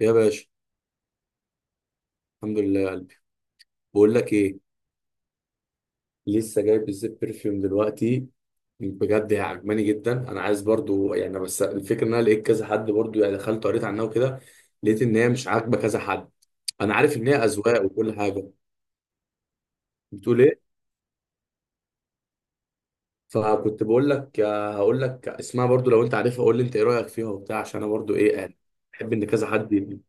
يا باشا، الحمد لله يا قلبي. بقول لك ايه، لسه جايب الزيت برفيوم دلوقتي. بجد هي عجباني جدا، انا عايز برضو يعني، بس الفكره ان انا لقيت كذا حد برضو يعني، دخلت قريت عنها وكده، لقيت ان هي مش عاجبه كذا حد. انا عارف ان هي اذواق وكل حاجه. بتقول ايه؟ فكنت بقول لك هقول لك اسمها برضو، لو انت عارفها قول لي انت ايه رايك فيها وبتاع، عشان انا برضو ايه يعني بحب ان كذا حد يبني.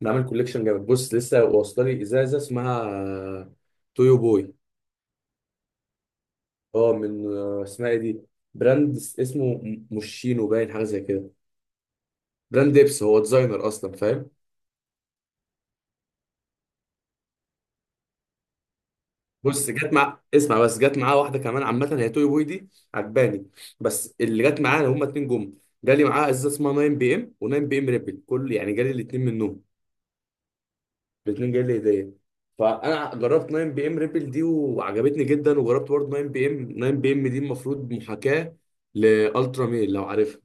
نعمل كوليكشن جامد. بص لسه واصله لي ازازه اسمها تويو بوي، اه من اسمها ايه دي، براند اسمه موشينو، باين حاجه زي كده، براند ديبس، هو ديزاينر اصلا، فاهم؟ بص جت مع اسمع بس، جت معاه واحده كمان عامه هي توي بوي دي، عجباني، بس اللي جت معانا هما اتنين جم. جالي معاه ازازه اسمها 9 بي ام و9 بي ام ريبل، كل يعني جالي الاتنين منهم، الاتنين جالي هديه. فانا جربت 9 بي ام ريبل دي وعجبتني جدا، وجربت برضه 9 بي ام، 9 بي ام دي المفروض محاكاه لالترا ميل لو عارفها،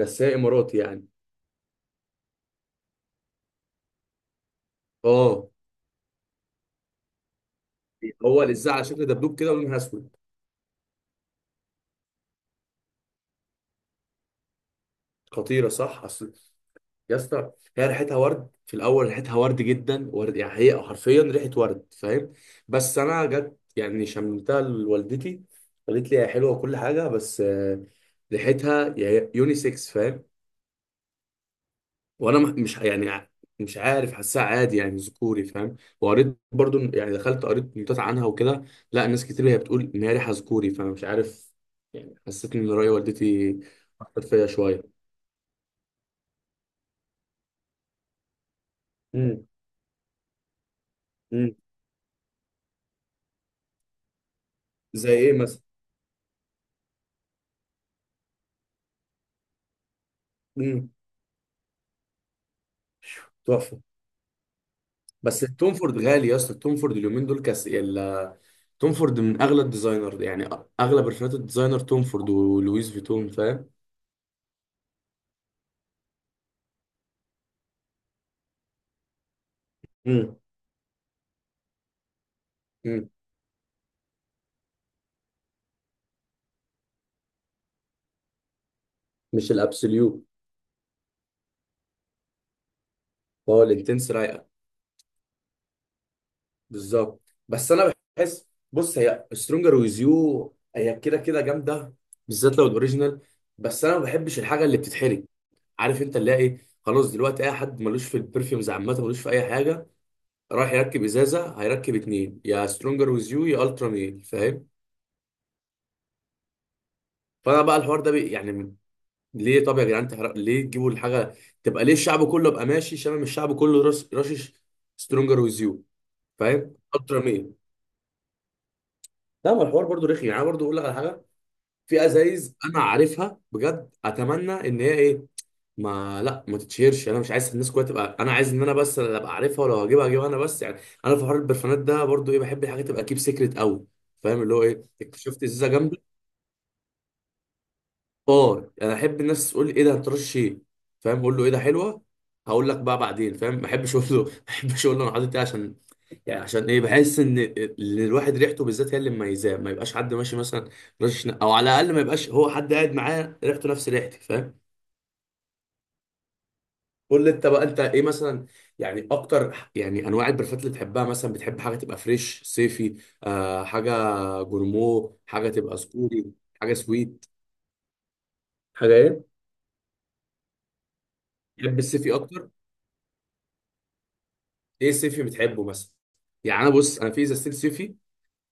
بس هي اماراتي يعني. اه، هو لزق على شكل دبدوب كده ولونها اسود. خطيره، صح اصل. يا اسطى هي ريحتها ورد في الاول، ريحتها ورد جدا، ورد يعني، هي حرفيا ريحه ورد، فاهم؟ بس انا جت يعني شممتها لوالدتي، قالت لي هي حلوه وكل حاجه، بس ريحتها يونيسكس، فاهم؟ وانا مش يعني، مش عارف، حاسها عادي يعني ذكوري، فاهم؟ وقريت برضو يعني، دخلت قريت نوتات عنها وكده، لا ناس كتير هي بتقول ان هي ريحه ذكوري، فانا مش عارف يعني. حسيت ان راي والدتي اثر فيا شويه. امم. امم. زي ايه مثلا؟ امم. تحفه. بس التوم فورد غالي يا اسطى، التوم فورد اليومين دول كاس توم فورد من اغلى الديزاينر يعني، اغلى برفانات الديزاينر توم فورد ولويس فيتون، فاهم؟ امم. امم. مش الابسوليوت؟ هو الانتنس رايقه. بالظبط. بس انا بحس، بص هي سترونجر ويز يو هي كده كده جامده، بالذات لو الاوريجينال، بس انا ما بحبش الحاجه اللي بتتحرق. عارف انت اللي هي ايه، خلاص دلوقتي اي حد ملوش في البرفيومز عامه ملوش في اي حاجه، رايح يركب ازازه هيركب اتنين، يا سترونجر ويز يو يا الترا ميل، فاهم؟ فانا بقى الحوار ده بي يعني، ليه؟ طب يا جدعان تحرق، ليه تجيبوا الحاجه تبقى ليه الشعب كله يبقى ماشي شامم، الشعب كله راس رشش سترونجر ويز يو. فاهم؟ الترا ميل. لا ما الحوار برضو رخي يعني، انا برضو اقول لك على حاجه. في ازايز انا عارفها بجد اتمنى ان هي ايه، ما تتشهرش، انا مش عايز الناس كلها تبقى، انا عايز ان انا بس اللي ابقى عارفها، ولو هجيبها هجيبها انا بس يعني. انا في حوار البرفانات ده برضو ايه، بحب الحاجه تبقى كيب سيكريت قوي، فاهم؟ اللي هو ايه، اكتشفت ازازه جامده. اه انا احب الناس تقول لي ايه ده، هترش ايه؟ فاهم؟ اقول له ايه ده حلوه، هقول لك بقى بعدين، فاهم؟ ما احبش اقول له ما احبش اقول له انا حاطط ايه، عشان يعني، عشان ايه، بحس ان الواحد ريحته بالذات هي اللي مميزاه، ما يبقاش حد ماشي مثلا رش، او على الاقل ما يبقاش هو حد قاعد معاه ريحته نفس ريحتي، فاهم؟ قول لي انت بقى، انت ايه مثلا يعني اكتر يعني انواع البرفات اللي تحبها؟ مثلا بتحب حاجه تبقى فريش صيفي، آه، حاجه جورمو، حاجه تبقى سكوري، حاجه سويت، حاجه ايه؟ تحب الصيفي اكتر؟ ايه سيفي بتحبه مثلا؟ يعني انا، بص انا في ازازتين سيفي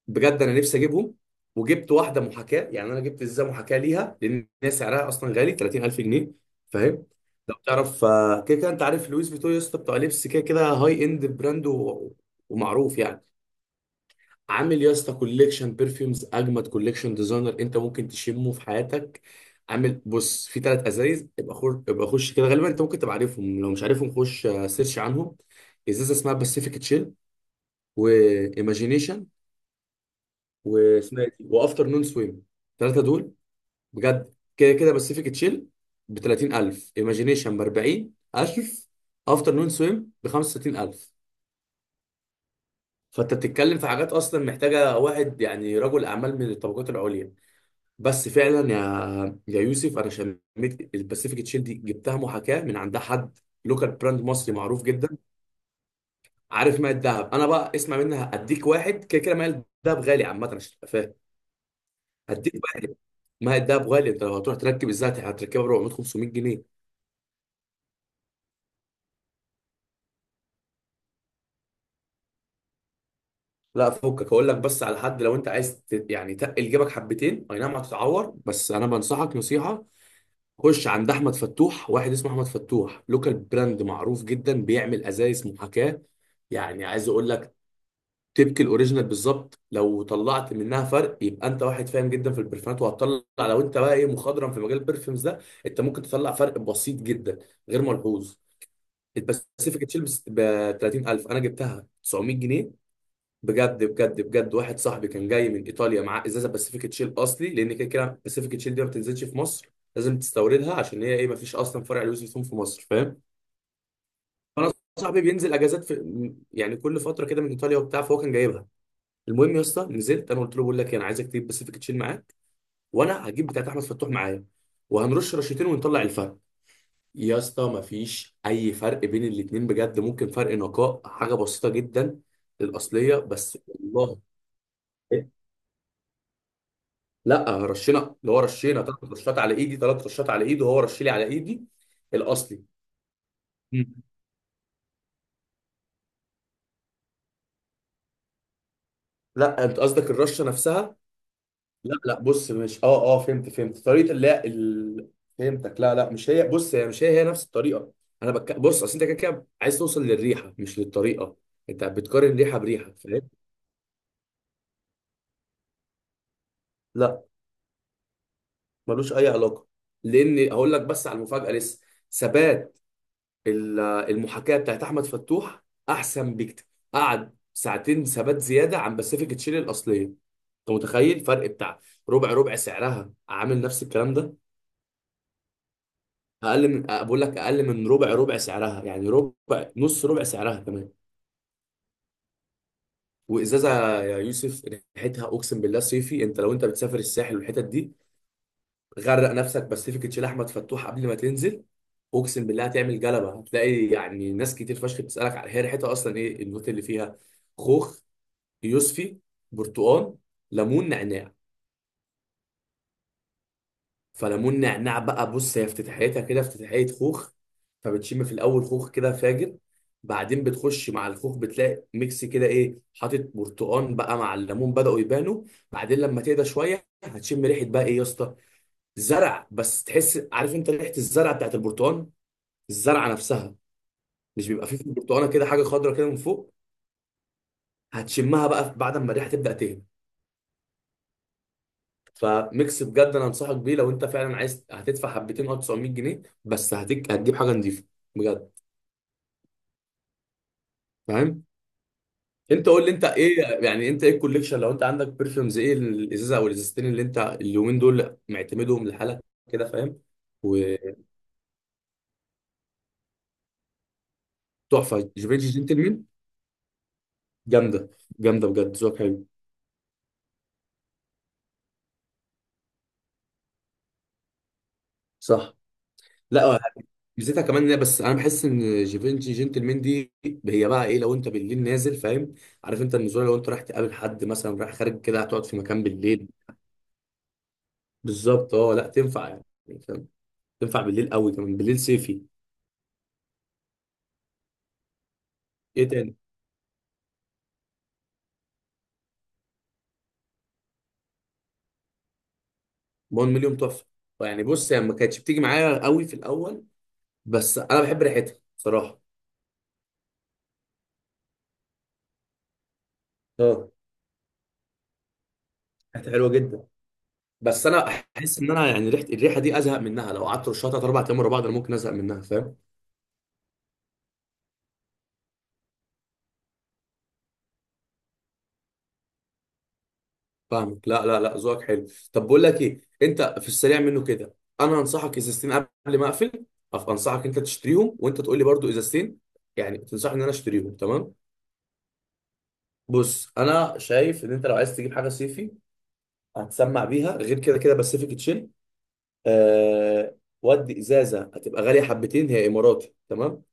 بجد انا نفسي اجيبهم، وجبت واحده محاكاه، يعني انا جبت ازازه محاكاه ليها لان هي سعرها اصلا غالي، 30,000 جنيه، فاهم؟ لو تعرف كده كده انت عارف لويس فيتو يا اسطى، بتوع لبس كده كده، هاي اند براند ومعروف يعني، عامل يا اسطى كوليكشن برفيومز اجمد كوليكشن ديزاينر انت ممكن تشمه في حياتك. عامل بص في ثلاث ازايز، ابقى خش ابقى خش كده، غالبا انت ممكن تبقى عارفهم، لو مش عارفهم خش سيرش عنهم. ازازه اسمها باسيفيك تشيل، وايماجينيشن، واسمها إيه دي؟ وافتر نون سويم. الثلاثه دول بجد، كده كده باسيفيك تشيل ب 30,000، ايماجينيشن ب 40,000، افتر نون سويم ب 65,000. فانت بتتكلم في حاجات اصلا محتاجه واحد يعني رجل اعمال من الطبقات العليا. بس فعلا يا يوسف، انا شميت الباسيفيك تشيل دي، جبتها محاكاه من عند حد، لوكال براند مصري معروف جدا. عارف ماء الذهب؟ انا بقى اسمع منها، اديك واحد كده كده، ماء الذهب غالي عامه عشان تبقى فاهم، هديك بقى. ما هي الدهب غالي، انت لو هتروح تركب الزيت هتركبها ب 400 500 جنيه. لا فكك، هقول لك بس على حد، لو انت عايز يعني تقل جيبك حبتين، اي نعم هتتعور، بس انا بنصحك نصيحه، خش عند احمد فتوح، واحد اسمه احمد فتوح لوكال براند معروف جدا بيعمل ازايز محاكاه، يعني عايز اقول لك تبكي الاوريجينال بالظبط. لو طلعت منها فرق يبقى انت واحد فاهم جدا في البرفانات، وهتطلع لو انت بقى ايه، مخضرم في مجال البرفيومز ده، انت ممكن تطلع فرق بسيط جدا، غير ملحوظ. الباسيفيك تشيلبس ب 30,000، انا جبتها 900 جنيه بجد بجد بجد. واحد صاحبي كان جاي من ايطاليا معاه ازازه باسيفيك تشيل اصلي، لان كده كده باسيفيك تشيل دي ما بتنزلش في مصر، لازم تستوردها، عشان هي ايه، ما فيش اصلا فرع لويس فيتون في مصر، فاهم؟ فانا صاحبي بينزل اجازات في يعني كل فتره كده من ايطاليا وبتاع، فهو كان جايبها. المهم يا اسطى نزلت، انا قلت له بقول لك إيه، انا عايزك تجيب باسيفيك تشيل معاك، وانا هجيب بتاعت احمد فتوح معايا، وهنرش رشتين ونطلع الفرق. يا اسطى مفيش اي فرق بين الاتنين بجد، ممكن فرق نقاء حاجه بسيطه جدا للاصليه، بس والله. إيه؟ لا رشينا، اللي هو رشينا ثلاث رشات على ايدي، ثلاث رشات على ايده، وهو رش لي على ايدي الاصلي. مم. لا انت قصدك الرشه نفسها. لا لا بص، مش اه اه فهمت فهمت طريقه، لا ال... فهمتك. لا لا مش هي، بص هي مش هي نفس الطريقه. انا بص اصل انت كده كده عايز توصل للريحه مش للطريقه، انت بتقارن ريحه بريحه، فاهم؟ لا ملوش اي علاقه، لان هقول لك بس على المفاجاه لسه، ثبات المحاكاه بتاعت احمد فتوح احسن بكتير، قعد ساعتين ثبات زياده عن باسيفيك تشيلي الاصليه. انت متخيل؟ فرق بتاع ربع، ربع سعرها عامل نفس الكلام ده. اقل من، بقول لك اقل من ربع، ربع سعرها يعني، ربع نص ربع سعرها كمان. وازازه يا يوسف ريحتها اقسم بالله صيفي، انت لو انت بتسافر الساحل والحتت دي، غرق نفسك باسيفيك تشيل احمد فتوح قبل ما تنزل، اقسم بالله هتعمل جلبه، هتلاقي يعني ناس كتير فشخ بتسالك على هي ريحتها اصلا ايه النوت اللي فيها. خوخ، يوسفي، برتقال، ليمون، نعناع. فليمون نعناع بقى، بص هي افتتاحيتها كده افتتاحية خوخ، فبتشم في الأول خوخ كده فاجر، بعدين بتخش مع الخوخ بتلاقي ميكس كده، إيه حاطط برتقان بقى مع الليمون، بدأوا يبانوا. بعدين لما تهدى شوية هتشم ريحة بقى إيه يا اسطى، زرع بس، تحس، عارف أنت ريحة الزرع بتاعت البرتقان، الزرعة نفسها، مش بيبقى فيه في البرتقانة كده حاجة خضرا كده من فوق، هتشمها بقى بعد ما الريحة تبدأ تهدى. فميكس بجد انا انصحك بيه، لو انت فعلا عايز، هتدفع حبتين او 900 جنيه بس هتجيب حاجه نظيفه، بجد فاهم. انت قول لي انت ايه يعني، انت ايه الكوليكشن؟ لو انت عندك برفيومز، ايه الازازه او الازازتين اللي انت اليومين دول معتمدهم لحالك كده، فاهم؟ وتحفه. جيفيتش جنتلمان، جامده. جامده بجد ذوقك حلو. صح. لا ميزتها كمان، إن بس انا بحس ان جيفينشي جنتلمان دي، هي بقى ايه، لو انت بالليل نازل، فاهم؟ عارف انت النزول، لو انت رايح تقابل حد مثلا، رايح خارج كده، هتقعد في مكان بالليل، بالظبط اه، لا تنفع يعني، فاهم؟ تنفع بالليل قوي، كمان بالليل صيفي. ايه تاني؟ 1 مليون، تحفه. يعني بص هي يعني ما كانتش بتيجي معايا قوي في الاول، بس انا بحب ريحتها بصراحه. اه ريحتها حلوه جدا، بس انا احس ان انا يعني ريحه، الريحه دي ازهق منها لو قعدت رشها تلات اربع ايام ورا بعض، انا ممكن ازهق منها، فاهم؟ فاهمك. لا لا لا، ذوقك حلو. طب بقول لك ايه، انت في السريع منه كده، انا انصحك ازازتين قبل ما اقفل، انصحك انت تشتريهم، وانت تقول لي برضو ازازتين، يعني تنصحني ان انا اشتريهم، تمام؟ بص انا شايف ان انت لو عايز تجيب حاجه صيفي، هتسمع بيها غير كده كده باسيفيك تشيل، آه، ودي ازازه هتبقى غاليه حبتين هي اماراتي، تمام؟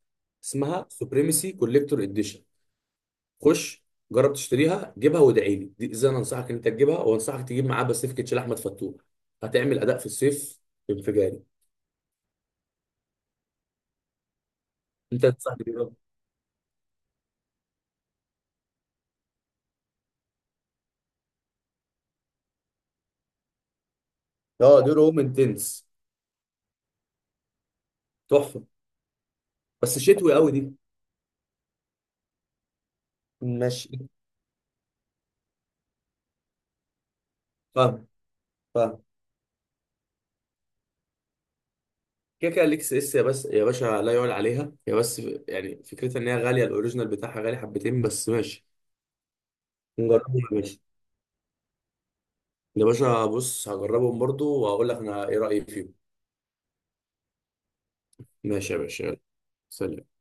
اسمها سوبريمسي كوليكتور اديشن. خش جرب تشتريها، جيبها وادعي لي، دي ازازه انا انصحك ان انت تجيبها، وانصحك تجيب معاه باسيفيك تشيل احمد فتوح، هتعمل اداء في الصيف انفجاري. انت تنصحني بيها؟ اه دي روم انتنس. تحفه، بس شتوي قوي دي. ماشي. فاهم، فاهم. كده كده الاكس اس يا بس يا باشا لا يعلى عليها هي بس، يعني فكرتها ان هي غاليه، الاوريجينال بتاعها غالي حبتين، بس ماشي نجربهم يا باشا. يا باشا بص هجربهم برضو وهقول لك انا ايه رايي فيهم. ماشي يا باشا، يلا. سلام.